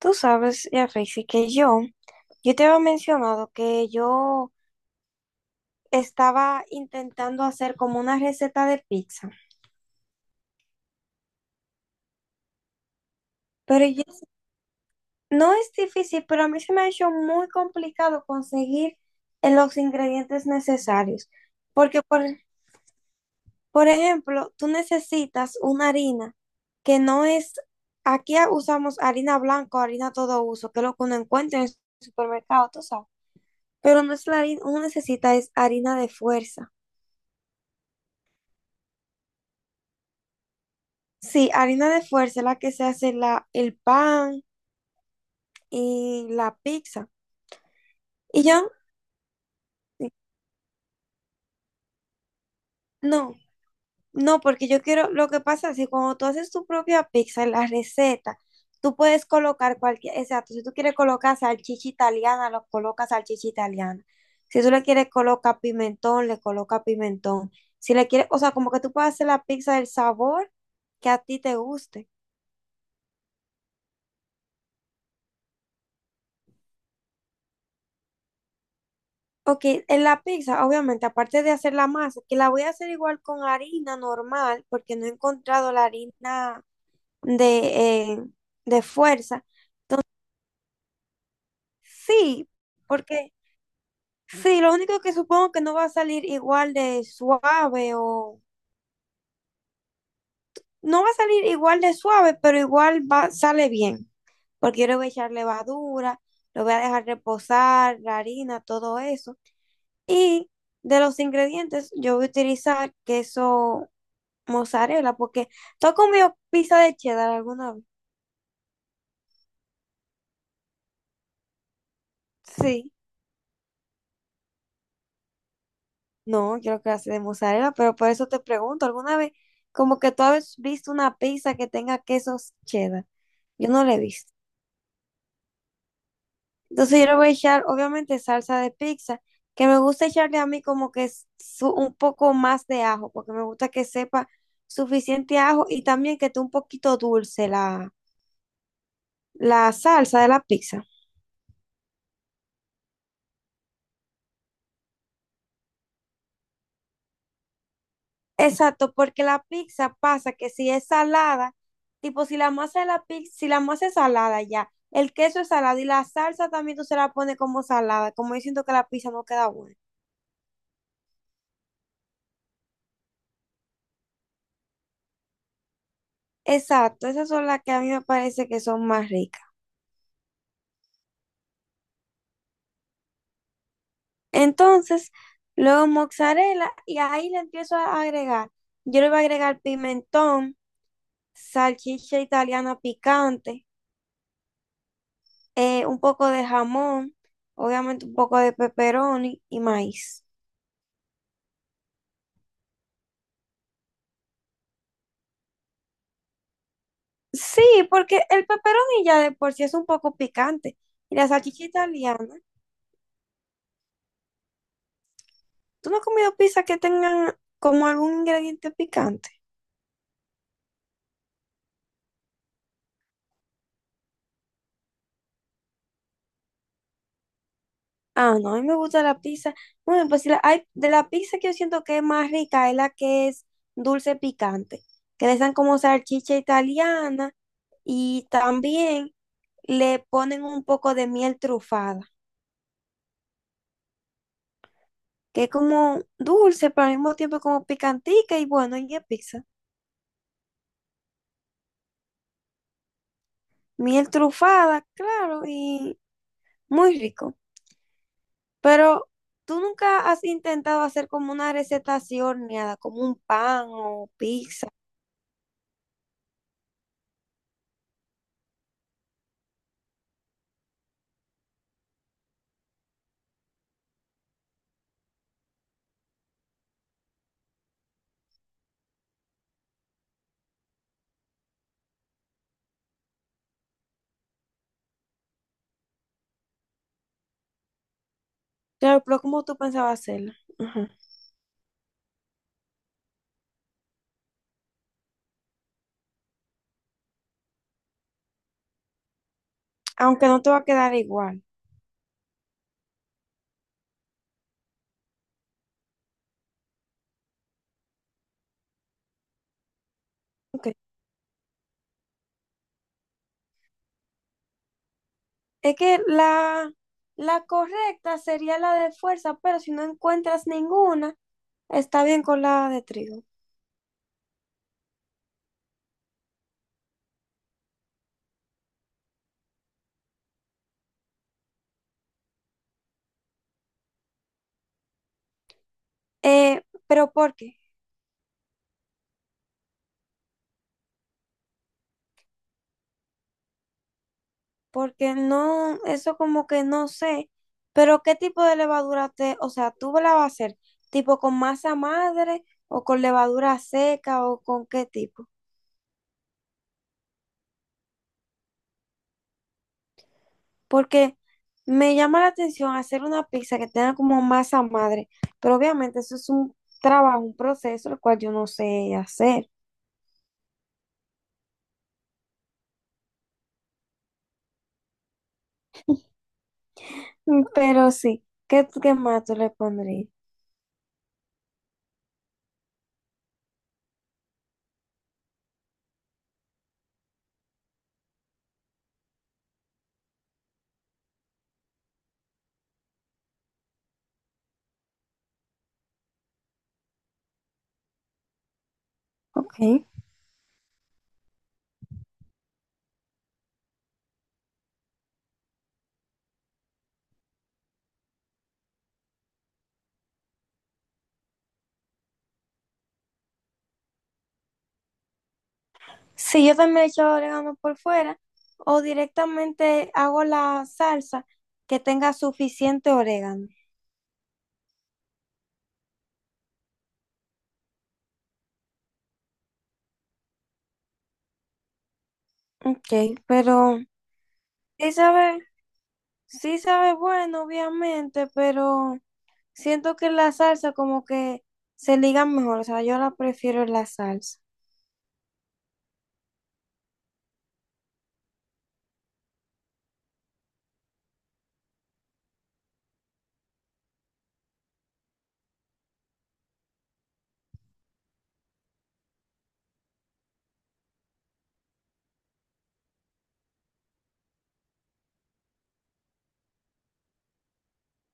Tú sabes, ya, Rexy, que yo te había mencionado que yo estaba intentando hacer como una receta de pizza, pero no es difícil, pero a mí se me ha hecho muy complicado conseguir los ingredientes necesarios, porque por ejemplo, tú necesitas una harina que no es, aquí usamos harina blanca o harina todo uso, que es lo que uno encuentra en el supermercado, tú sabes, pero no es la harina, uno necesita es harina de fuerza. Sí, harina de fuerza es la que se hace la, el pan y la pizza. Y yo, no, no, porque yo quiero, lo que pasa es que cuando tú haces tu propia pizza, en la receta, tú puedes colocar cualquier, exacto, si tú quieres colocar salchicha italiana, lo colocas salchicha italiana. Si tú le quieres colocar pimentón, le coloca pimentón. Si le quieres, o sea, como que tú puedes hacer la pizza del sabor que a ti te guste. Ok, en la pizza, obviamente, aparte de hacer la masa, que la voy a hacer igual con harina normal, porque no he encontrado la harina de, eh, de fuerza. Sí, porque sí, lo único que supongo que no va a salir igual de suave o no va a salir igual de suave, pero igual va, sale bien, porque yo le voy a echar levadura, lo voy a dejar reposar, la harina, todo eso. Y de los ingredientes, yo voy a utilizar queso mozzarella, porque tú has comido pizza de cheddar alguna vez. Sí, no, creo que hace de mozzarella, pero por eso te pregunto, ¿alguna vez como que tú has visto una pizza que tenga quesos cheddar? Yo no la he visto. Entonces yo le voy a echar, obviamente, salsa de pizza, que me gusta echarle a mí como que es un poco más de ajo, porque me gusta que sepa suficiente ajo y también que esté un poquito dulce la, la salsa de la pizza. Exacto, porque la pizza pasa que si es salada, tipo si la masa de la pizza, si la masa es salada ya, el queso es salado y la salsa también tú se la pones como salada, como yo siento que la pizza no queda buena. Exacto, esas son las que a mí me parece que son más ricas. Entonces, luego mozzarella y ahí le empiezo a agregar. Yo le voy a agregar pimentón, salchicha italiana picante, un poco de jamón, obviamente un poco de pepperoni y maíz. Sí, porque el pepperoni ya de por sí es un poco picante. Y la salchicha italiana, ¿tú no has comido pizza que tengan como algún ingrediente picante? Ah, no, a mí me gusta la pizza. Bueno, pues si hay, de la pizza que yo siento que es más rica es la que es dulce picante, que le dan como salchicha italiana y también le ponen un poco de miel trufada, que es como dulce, pero al mismo tiempo como picantica y bueno, y es pizza. Miel trufada, claro, y muy rico. Pero tú nunca has intentado hacer como una receta así horneada, como un pan o pizza. Claro, pero ¿cómo tú pensabas hacerla? Ujú. Aunque no te va a quedar igual. Ok. Es que la correcta sería la de fuerza, pero si no encuentras ninguna, está bien con la de trigo. ¿Pero por qué? Porque no, eso como que no sé, pero ¿qué tipo de levadura te, o sea, tú la vas a hacer, tipo con masa madre o con levadura seca o con qué tipo? Porque me llama la atención hacer una pizza que tenga como masa madre, pero obviamente eso es un trabajo, un proceso, el cual yo no sé hacer. Mm, pero sí, ¿qué, qué más tú le pondrías? Ok. Sí, yo también echo orégano por fuera o directamente hago la salsa que tenga suficiente orégano. Ok, pero sí sabe, sí sabe bueno, obviamente, pero siento que la salsa como que se liga mejor, o sea, yo la prefiero en la salsa.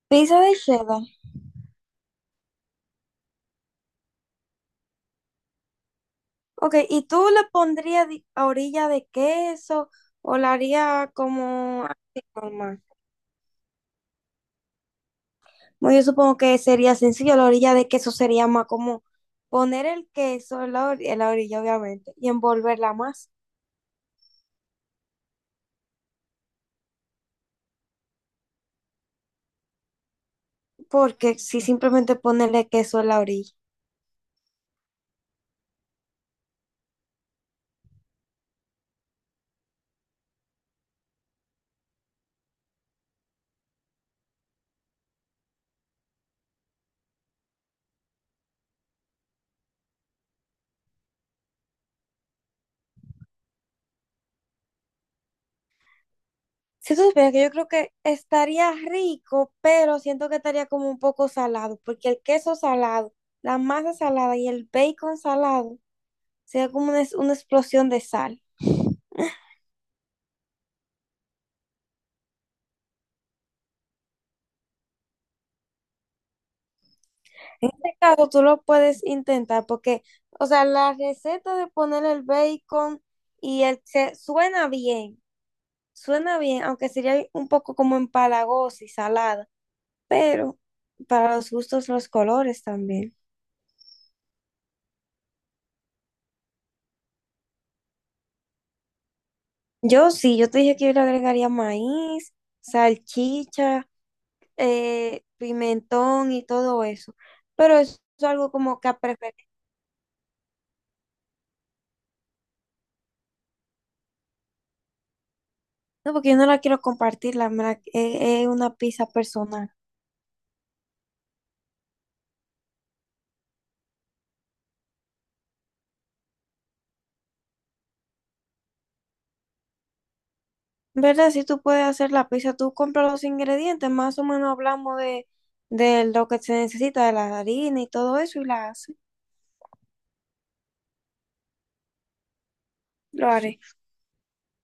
Pizza de cheddar. Ok, ¿y tú le pondrías a orilla de queso o la haría como así normal? Bueno, yo supongo que sería sencillo, la orilla de queso sería más como poner el queso en la, en la orilla, obviamente, y envolverla más, porque si simplemente ponerle queso en la orilla. Si tú supieras que yo creo que estaría rico, pero siento que estaría como un poco salado, porque el queso salado, la masa salada y el bacon salado, sería como una explosión de sal. En este caso, tú lo puedes intentar porque, o sea, la receta de poner el bacon y el se suena bien, aunque sería un poco como empalagosa y salada, pero para los gustos, los colores también. Yo sí, yo te dije que yo le agregaría maíz, salchicha, pimentón y todo eso, pero eso es algo como que a preferencia, no, porque yo no la quiero compartir, la, es una pizza personal. ¿Verdad? Si tú puedes hacer la pizza, tú compras los ingredientes, más o menos hablamos de lo que se necesita, de la harina y todo eso, y la hace. Lo haré.